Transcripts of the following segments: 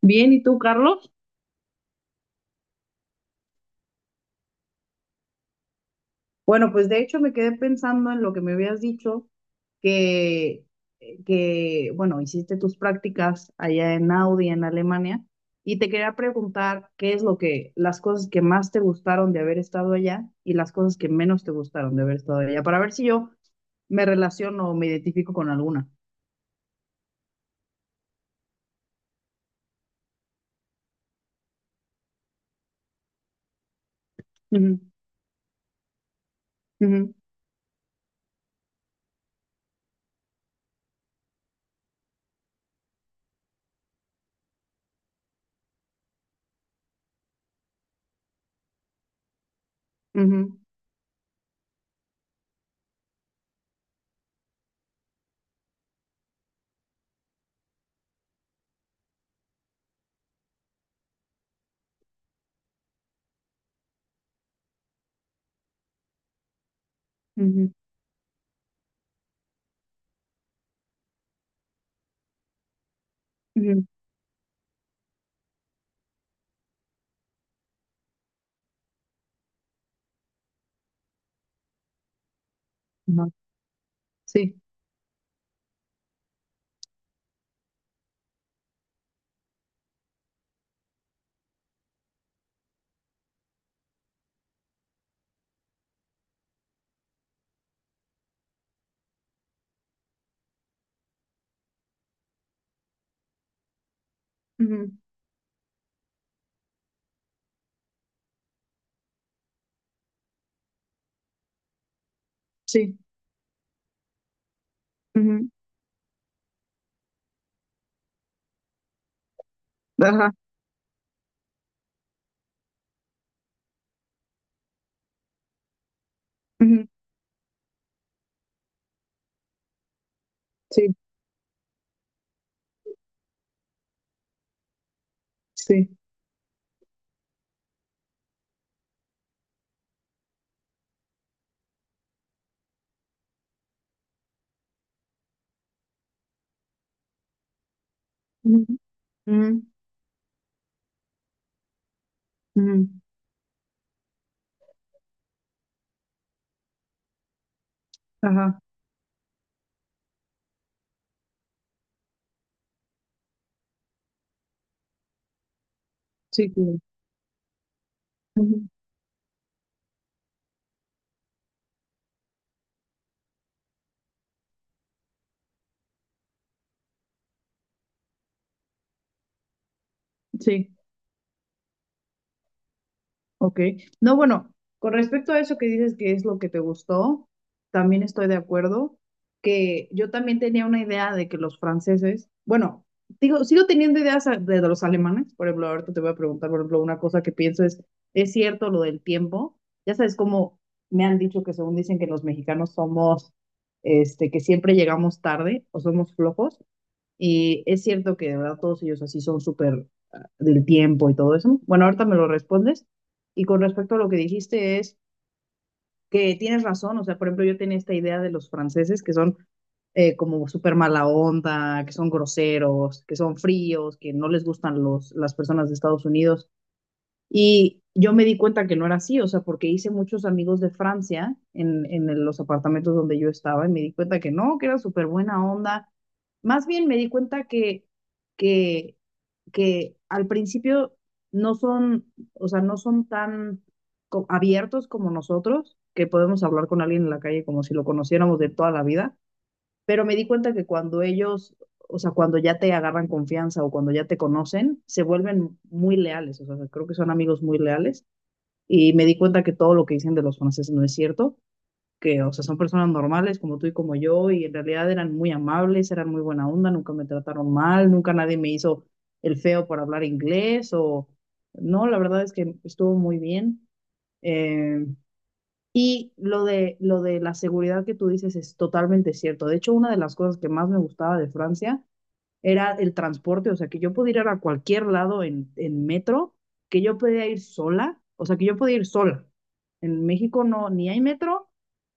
Bien, ¿y tú, Carlos? Bueno, pues de hecho me quedé pensando en lo que me habías dicho, que, que bueno, hiciste tus prácticas allá en Audi, en Alemania, y te quería preguntar qué es lo que, las cosas que más te gustaron de haber estado allá y las cosas que menos te gustaron de haber estado allá, para ver si yo me relaciono o me identifico con alguna. Ujú, ujú, ujú, ujú, ujú, ajá, sí, ujú, sí, ujú, ajá, ujú, sí, sí. Mm, mm, mm. Ajá, sí, claro. Ujú. Sí, ok. No, bueno, con respecto a eso que dices que es lo que te gustó, también estoy de acuerdo que yo también tenía una idea de que los franceses, bueno, digo, sigo teniendo ideas de los alemanes, por ejemplo, ahorita te voy a preguntar, por ejemplo, una cosa que pienso ¿es cierto lo del tiempo? Ya sabes cómo me han dicho que según dicen que los mexicanos somos, este, que siempre llegamos tarde o somos flojos. Es cierto que de verdad todos ellos así son súper ah, del tiempo y todo eso. Bueno, ahorita me lo respondes. Y con respecto a lo que dijiste es que tienes razón. O sea, por ejemplo, yo tenía esta idea de los franceses que son como súper mala onda, que son groseros, que son fríos, que no les gustan las personas de Estados Unidos. Y yo me di cuenta que no era así, o sea, porque hice muchos amigos de Francia en, en los apartamentos donde yo estaba y me di cuenta que no, que era súper buena onda. Más bien me di cuenta que, que al principio no son, o sea, no son tan abiertos como nosotros, que podemos hablar con alguien en la calle como si lo conociéramos de toda la vida, pero me di cuenta que cuando ellos, o sea, cuando ya te agarran confianza o cuando ya te conocen, se vuelven muy leales, o sea, creo que son amigos muy leales. Y me di cuenta que todo lo que dicen de los franceses no es cierto, que, o sea, son personas normales como tú y como yo, y en realidad eran muy amables, eran muy buena onda, nunca me trataron mal, nunca nadie me hizo el feo por hablar inglés o... No, la verdad es que estuvo muy bien. Eh, y lo de la seguridad que tú dices es totalmente cierto. De hecho, una de las cosas que más me gustaba de Francia era el transporte, o sea, que yo podía ir a cualquier lado en metro, que yo podía ir sola, o sea, que yo podía ir sola. En México no, ni hay metro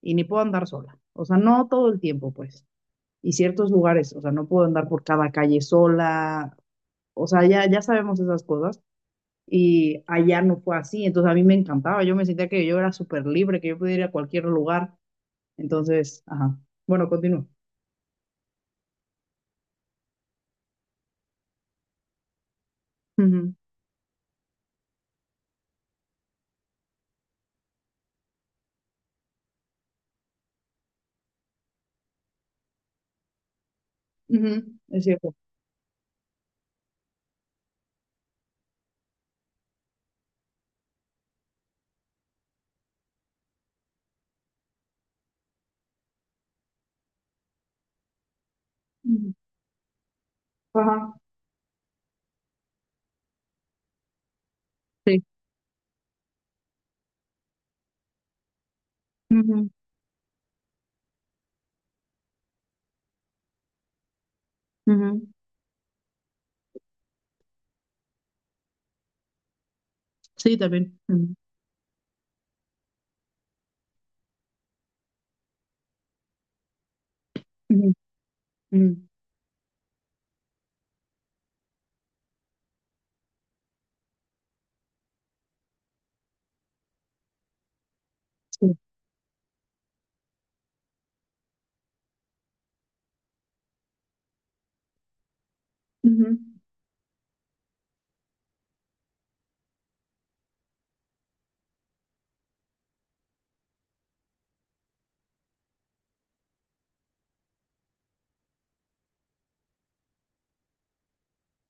y ni puedo andar sola, o sea, no todo el tiempo, pues. Y ciertos lugares, o sea, no puedo andar por cada calle sola, o sea, ya, ya sabemos esas cosas y allá no fue así, entonces a mí me encantaba, yo me sentía que yo era súper libre, que yo podía ir a cualquier lugar, entonces, ajá, bueno, continúo. Ujú, ujú, es cierto. Ujú, ajá, sí. Ujú, ujú, sí, también. Ujú, ujú, ujú, sí, ujú,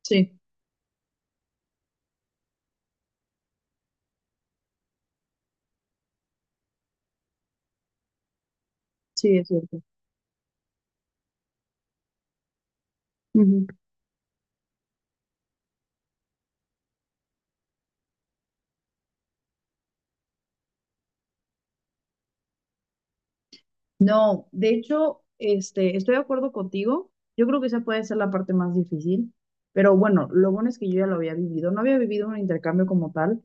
sí, sí, es cierto. No, de hecho, este, estoy de acuerdo contigo. Yo creo que esa puede ser la parte más difícil, pero bueno, lo bueno es que yo ya lo había vivido. No había vivido un intercambio como tal,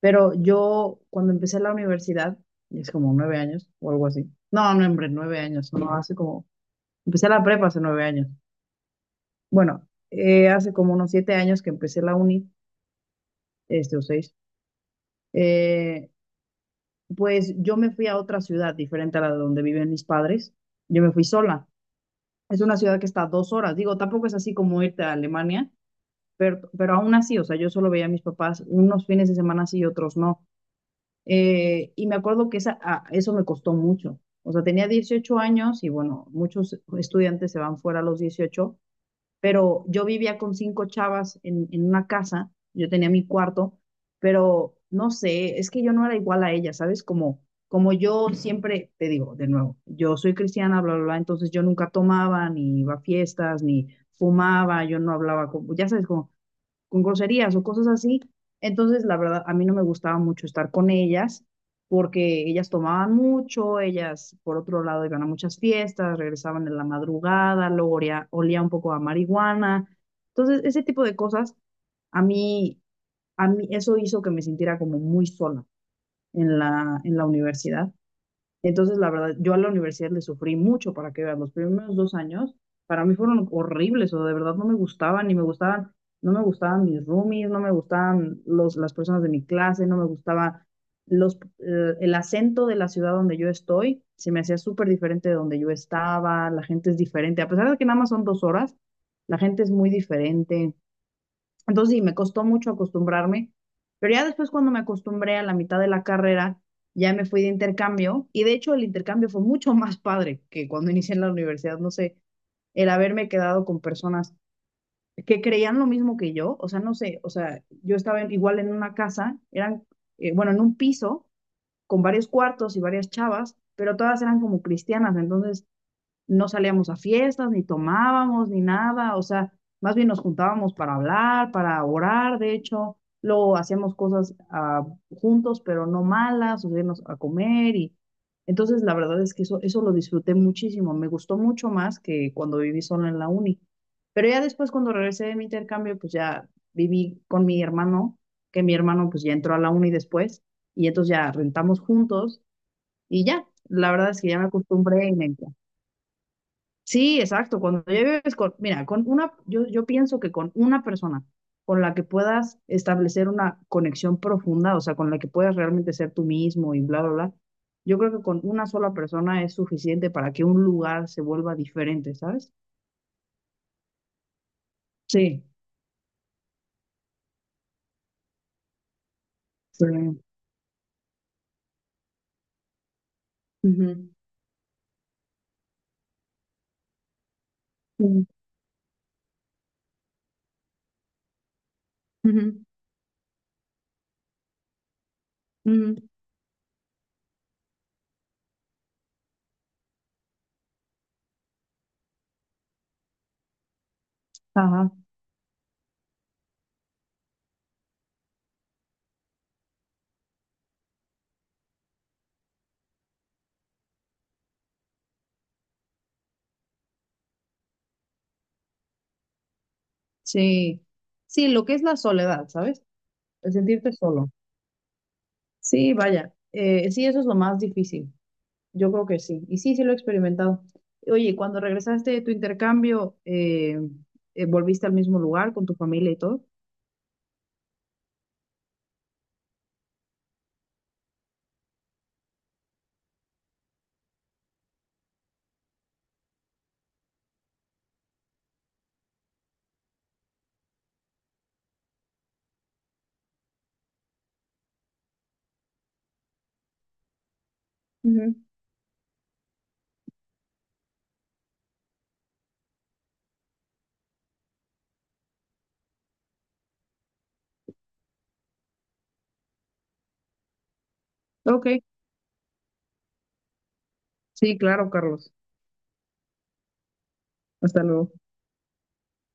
pero yo cuando empecé la universidad, es como 9 años o algo así. No, no, hombre, 9 años, no, hace como, empecé la prepa hace 9 años. Bueno, hace como unos 7 años que empecé la uni, este, o seis, eh, pues yo me fui a otra ciudad diferente a la de donde viven mis padres. Yo me fui sola. Es una ciudad que está a 2 horas. Digo, tampoco es así como irte a Alemania, pero aún así, o sea, yo solo veía a mis papás unos fines de semana sí y otros no. Y me acuerdo que eso me costó mucho. O sea, tenía 18 años y bueno, muchos estudiantes se van fuera a los 18, pero yo vivía con cinco chavas en una casa, yo tenía mi cuarto, pero no sé, es que yo no era igual a ella, ¿sabes? Como, como yo siempre, te digo de nuevo, yo soy cristiana, bla, bla, bla, entonces yo nunca tomaba, ni iba a fiestas, ni fumaba, yo no hablaba, con, ya sabes, como con groserías o cosas así. Entonces, la verdad, a mí no me gustaba mucho estar con ellas porque ellas tomaban mucho, ellas por otro lado iban a muchas fiestas, regresaban en la madrugada, luego olía, olía un poco a marihuana. Entonces, ese tipo de cosas, a mí, a mí eso hizo que me sintiera como muy sola en la universidad. Entonces, la verdad, yo a la universidad le sufrí mucho para que vean. Los primeros 2 años para mí fueron horribles, o sea, de verdad no me gustaban mis roomies, no me gustaban las personas de mi clase, no me gustaba el acento de la ciudad donde yo estoy, se me hacía súper diferente de donde yo estaba, la gente es diferente, a pesar de que nada más son 2 horas, la gente es muy diferente. Entonces sí, me costó mucho acostumbrarme, pero ya después cuando me acostumbré a la mitad de la carrera, ya me fui de intercambio y de hecho el intercambio fue mucho más padre que cuando inicié en la universidad, no sé, el haberme quedado con personas que creían lo mismo que yo, o sea, no sé, o sea, yo estaba igual en una casa, eran, bueno, en un piso con varios cuartos y varias chavas, pero todas eran como cristianas, entonces no salíamos a fiestas, ni tomábamos, ni nada, o sea, más bien nos juntábamos para hablar, para orar, de hecho, luego hacíamos cosas ah, juntos, pero no malas, o irnos a comer y entonces la verdad es que eso lo disfruté muchísimo, me gustó mucho más que cuando viví sola en la uni. Pero ya después cuando regresé de mi intercambio, pues ya viví con mi hermano, que mi hermano pues ya entró a la uni después y entonces ya rentamos juntos y ya, la verdad es que ya me acostumbré y me encanta. Sí, exacto. Cuando ya vives con, mira, con una, yo pienso que con una persona con la que puedas establecer una conexión profunda, o sea, con la que puedas realmente ser tú mismo y bla, bla, bla, yo creo que con una sola persona es suficiente para que un lugar se vuelva diferente, ¿sabes? Sí. Sí. Ujú, ujú, ujú, ujú. Ajá. Sí. Sí, lo que es la soledad, ¿sabes? El sentirte solo. Sí, vaya. Sí, eso es lo más difícil. Yo creo que sí. Y sí, sí lo he experimentado. Oye, cuando regresaste de tu intercambio, ¿volviste al mismo lugar con tu familia y todo? Ujú. Ok, sí, claro, Carlos. Hasta luego.